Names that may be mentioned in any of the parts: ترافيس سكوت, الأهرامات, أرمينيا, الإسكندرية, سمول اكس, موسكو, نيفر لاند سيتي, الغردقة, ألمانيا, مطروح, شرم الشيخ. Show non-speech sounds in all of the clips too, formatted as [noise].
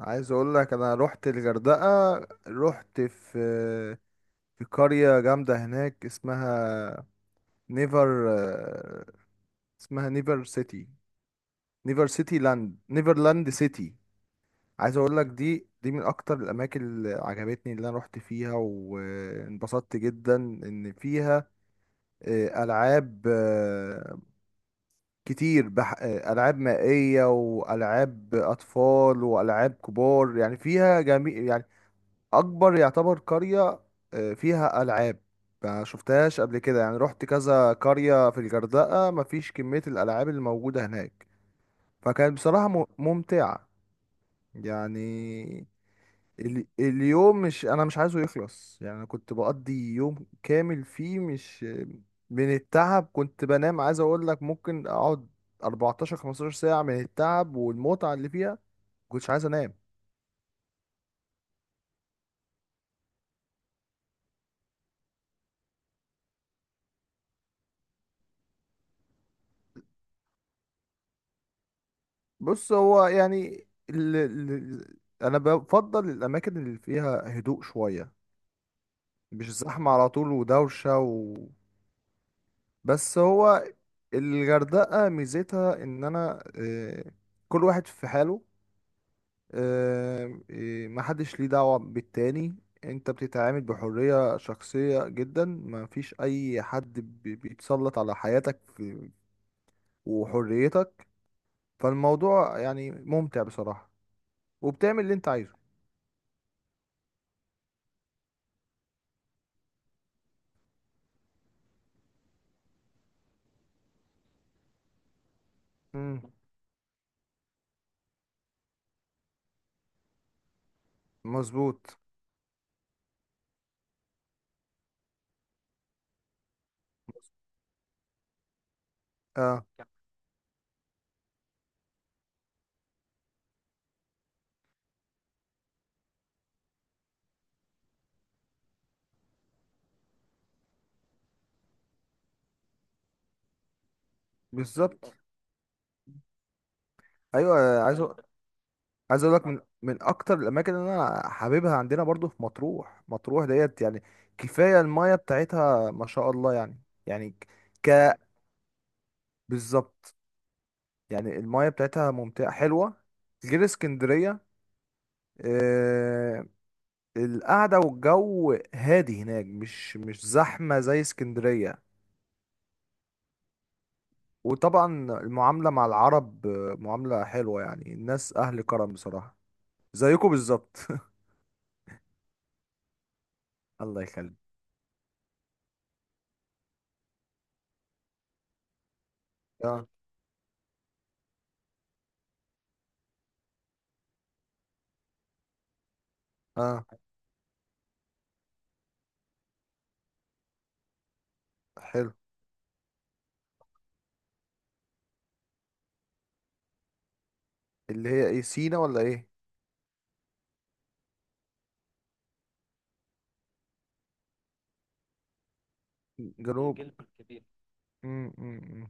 عايز اقول لك انا رحت الغردقة. رحت في قرية جامدة هناك اسمها نيفر، اسمها نيفر سيتي، نيفر سيتي لاند، نيفرلاند سيتي. عايز اقول لك دي من اكتر الاماكن اللي عجبتني، اللي انا رحت فيها وانبسطت جدا ان فيها العاب كتير بح... آه، العاب مائية، والعاب اطفال، والعاب كبار، يعني فيها جميع، يعني اكبر يعتبر قرية فيها العاب ما شفتهاش قبل كده. يعني رحت كذا قرية في الغردقة، مفيش كمية الالعاب اللي موجودة هناك. فكانت بصراحة ممتعة. يعني اليوم، مش انا مش عايزه يخلص، يعني أنا كنت بقضي يوم كامل فيه مش من التعب. كنت بنام، عايز اقول لك ممكن اقعد 14 15 ساعة من التعب والمتعة اللي فيها. كنتش عايز انام. بص هو يعني انا بفضل الاماكن اللي فيها هدوء شويه، مش زحمه على طول ودوشه بس هو الغردقه ميزتها ان انا كل واحد في حاله، محدش ليه دعوه بالتاني. انت بتتعامل بحريه شخصيه جدا، مفيش اي حد بيتسلط على حياتك وحريتك. فالموضوع يعني ممتع بصراحه، وبتعمل اللي انت عايزه. مم. مظبوط. اه، بالظبط. ايوه، عايز عايز اقول لك من اكتر الاماكن اللي انا حاببها عندنا برضو في مطروح. مطروح ديت يعني كفايه المايه بتاعتها ما شاء الله يعني. يعني ك- بالظبط. يعني المايه بتاعتها ممتعه حلوه، غير اسكندريه. آه القعده والجو هادي هناك، مش زحمه زي اسكندريه. وطبعا المعامله مع العرب معامله حلوه، يعني الناس اهل كرم بصراحه، زيكم بالظبط. [laughs] الله يخليك. اه، اه، حلو. اللي هي ايه، سينا ولا ايه؟ جنوب الجلف الكبير. مم، مم، مم.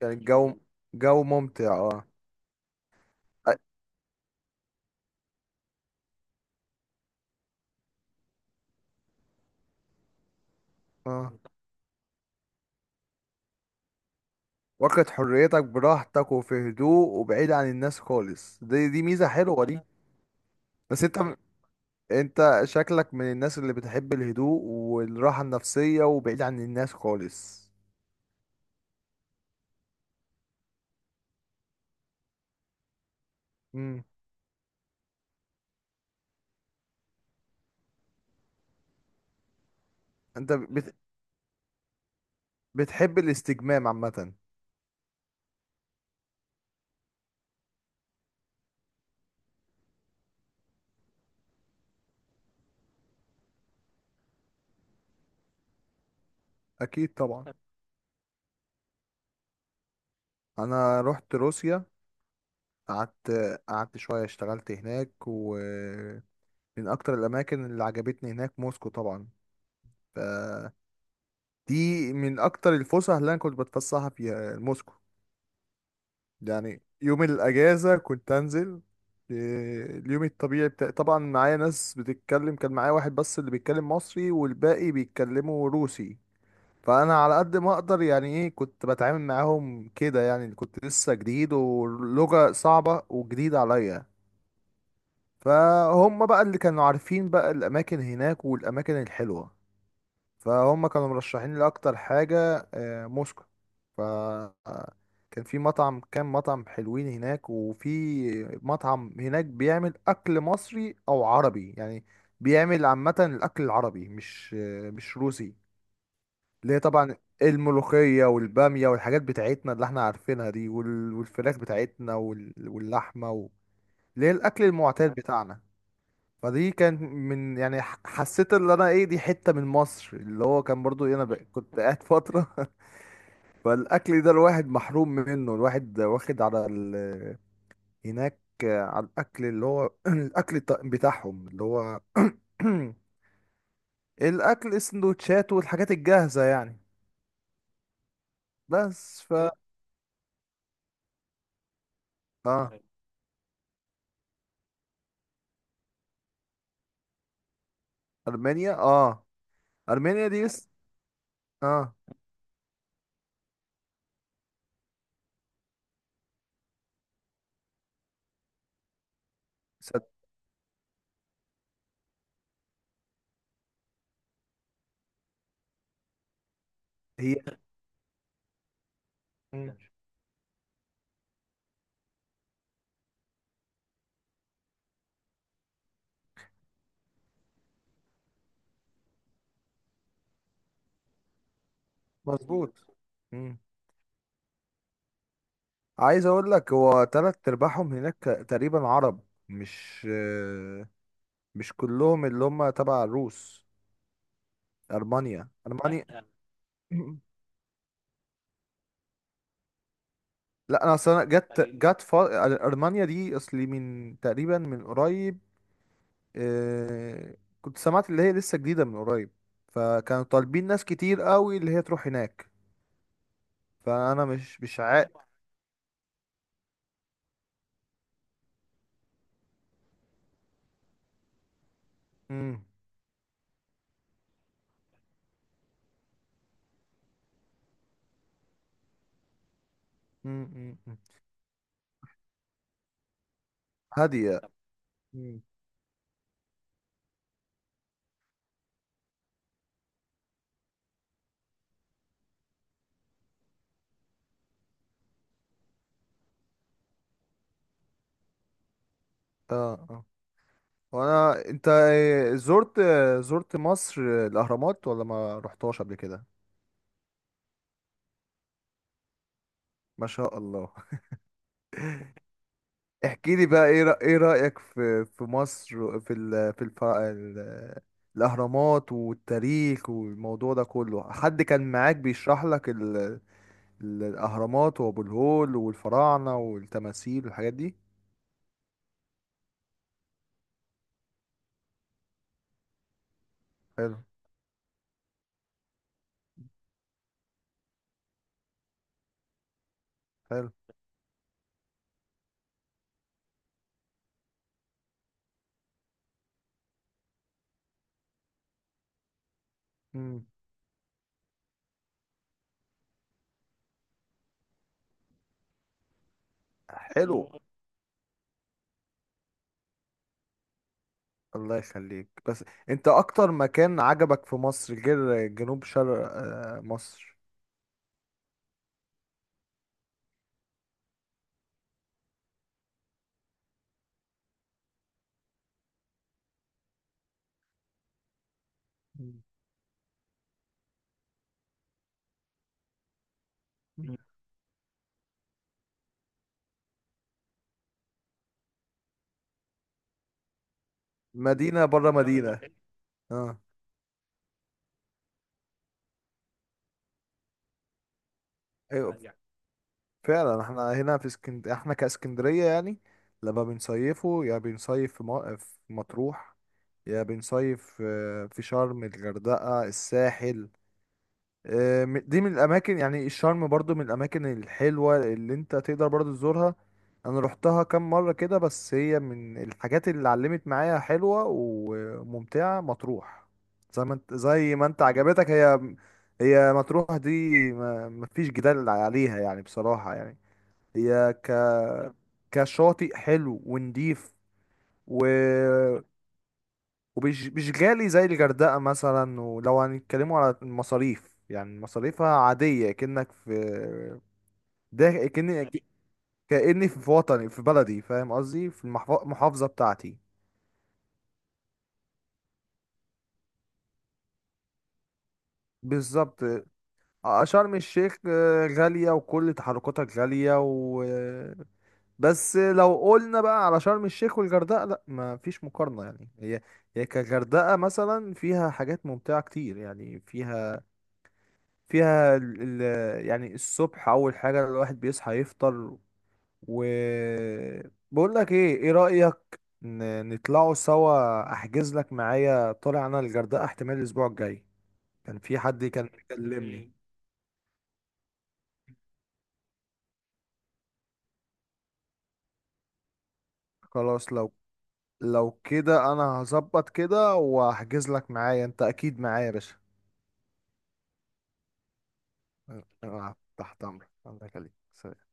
كان الجو، جو ممتع. اه، أ- اه، واخد حريتك براحتك، وفي هدوء وبعيد عن الناس خالص. دي ميزة حلوة دي. بس انت شكلك من الناس اللي بتحب الهدوء والراحة النفسية وبعيد عن الناس خالص. امم انت بتحب الاستجمام عامة. اكيد طبعا. انا رحت روسيا. قعدت قعدت شوية، اشتغلت هناك. ومن أكتر الأماكن اللي عجبتني هناك موسكو طبعا. فدي من أكتر الفسح اللي أنا كنت بتفسحها فيها موسكو. يعني يوم الأجازة كنت أنزل، إيه، اليوم الطبيعي بتاع، طبعا معايا ناس بتتكلم، كان معايا واحد بس اللي بيتكلم مصري، والباقي بيتكلموا روسي. فأنا على قد ما أقدر يعني إيه كنت بتعامل معاهم كده، يعني كنت لسه جديد، ولغة صعبة وجديدة عليا. فهم بقى اللي كانوا عارفين بقى الأماكن هناك والأماكن الحلوة، فهم كانوا مرشحين لي أكتر حاجة موسكو. ف آه، كان في مطعم، كام مطعم حلوين هناك، وفي مطعم هناك بيعمل أكل مصري أو عربي، يعني بيعمل عامة الأكل العربي، مش مش روسي. اللي هي طبعا الملوخية والبامية والحاجات بتاعتنا اللي احنا عارفينها دي، والفراخ بتاعتنا، واللحمة اللي هي الأكل المعتاد بتاعنا. فدي كانت من يعني حسيت اللي انا، ايه، دي حتة من مصر، اللي هو كان برضو ايه، انا كنت قاعد فترة. [laughs] فالاكل ده الواحد محروم منه، الواحد واخد على هناك على الاكل اللي هو [clears throat] الاكل بتاعهم، اللي هو [clears throat] الاكل السندوتشات والحاجات الجاهزة يعني. بس ف اه ارمينيا، اه، ارمينيا دي لسه. اه، صد- هي مم. مظبوط. عايز اقول لك هو تلات ارباعهم هناك تقريبا عرب، مش مش كلهم اللي هم تبع الروس. المانيا، المانيا. [laughs] لا، [clears throat] انا اصلا جت المانيا دي اصلي من تقريبا من قريب. آه، كنت سمعت اللي هي لسه جديده من قريب، فكانوا طالبين ناس كتير قوي اللي هي تروح هناك. فانا مش. مم، مم، مم، مم. هاديه. مم. اه، آه. انت، إيه، زرت مصر الاهرامات ولا ما رحتهاش قبل كده؟ ما شاء الله. [laughs] احكي لي بقى، ايه ايه رأيك في مصر، في ال... في الف... ال... الاهرامات والتاريخ والموضوع ده كله؟ حد كان معاك بيشرح لك الاهرامات وابو الهول والفراعنة والتماثيل والحاجات دي؟ حلو. حلو. امم. حلو. الله يخليك. بس انت، اكتر مكان عجبك في مصر غير جنوب شرق مصر؟ مدينة بره مدينة. اه. ايوه، فعلا، احنا هنا في احنا كاسكندرية يعني. لما بنصيفه، يا بنصيف في في مطروح، يا بنصيف في شرم الغردقة الساحل. دي من الاماكن، يعني الشرم برضو من الاماكن الحلوه اللي انت تقدر برضو تزورها. انا روحتها كام مره كده، بس هي من الحاجات اللي علمت معايا حلوه وممتعه مطروح. زي ما انت عجبتك. هي، هي مطروح دي ما مفيش جدال عليها يعني بصراحه، يعني هي كشاطئ حلو ونضيف، ومش مش غالي زي الغردقة مثلا. ولو هنتكلموا على المصاريف، يعني مصاريفها عادية كأنك في، ده كأني في وطني، في بلدي، فاهم قصدي، في المحافظة بتاعتي. بالظبط. شرم الشيخ غالية، وكل تحركاتها غالية، و آه، بس لو قلنا بقى على شرم الشيخ والغردقة، لا ما فيش مقارنة، يعني هي كغردقة مثلا فيها حاجات ممتعة كتير، يعني فيها ال ال يعني الصبح، اول حاجه الواحد بيصحى يفطر. وبقول لك ايه رايك نطلعوا سوا، احجز لك معايا، طالع انا الغردقه احتمال الاسبوع الجاي. كان في حد كان مكلمني. اوكي، خلاص، لو كده انا هظبط كده واحجز لك معايا، انت اكيد معايا يا باشا. أه، أه، تحت امرك، الله يخليك.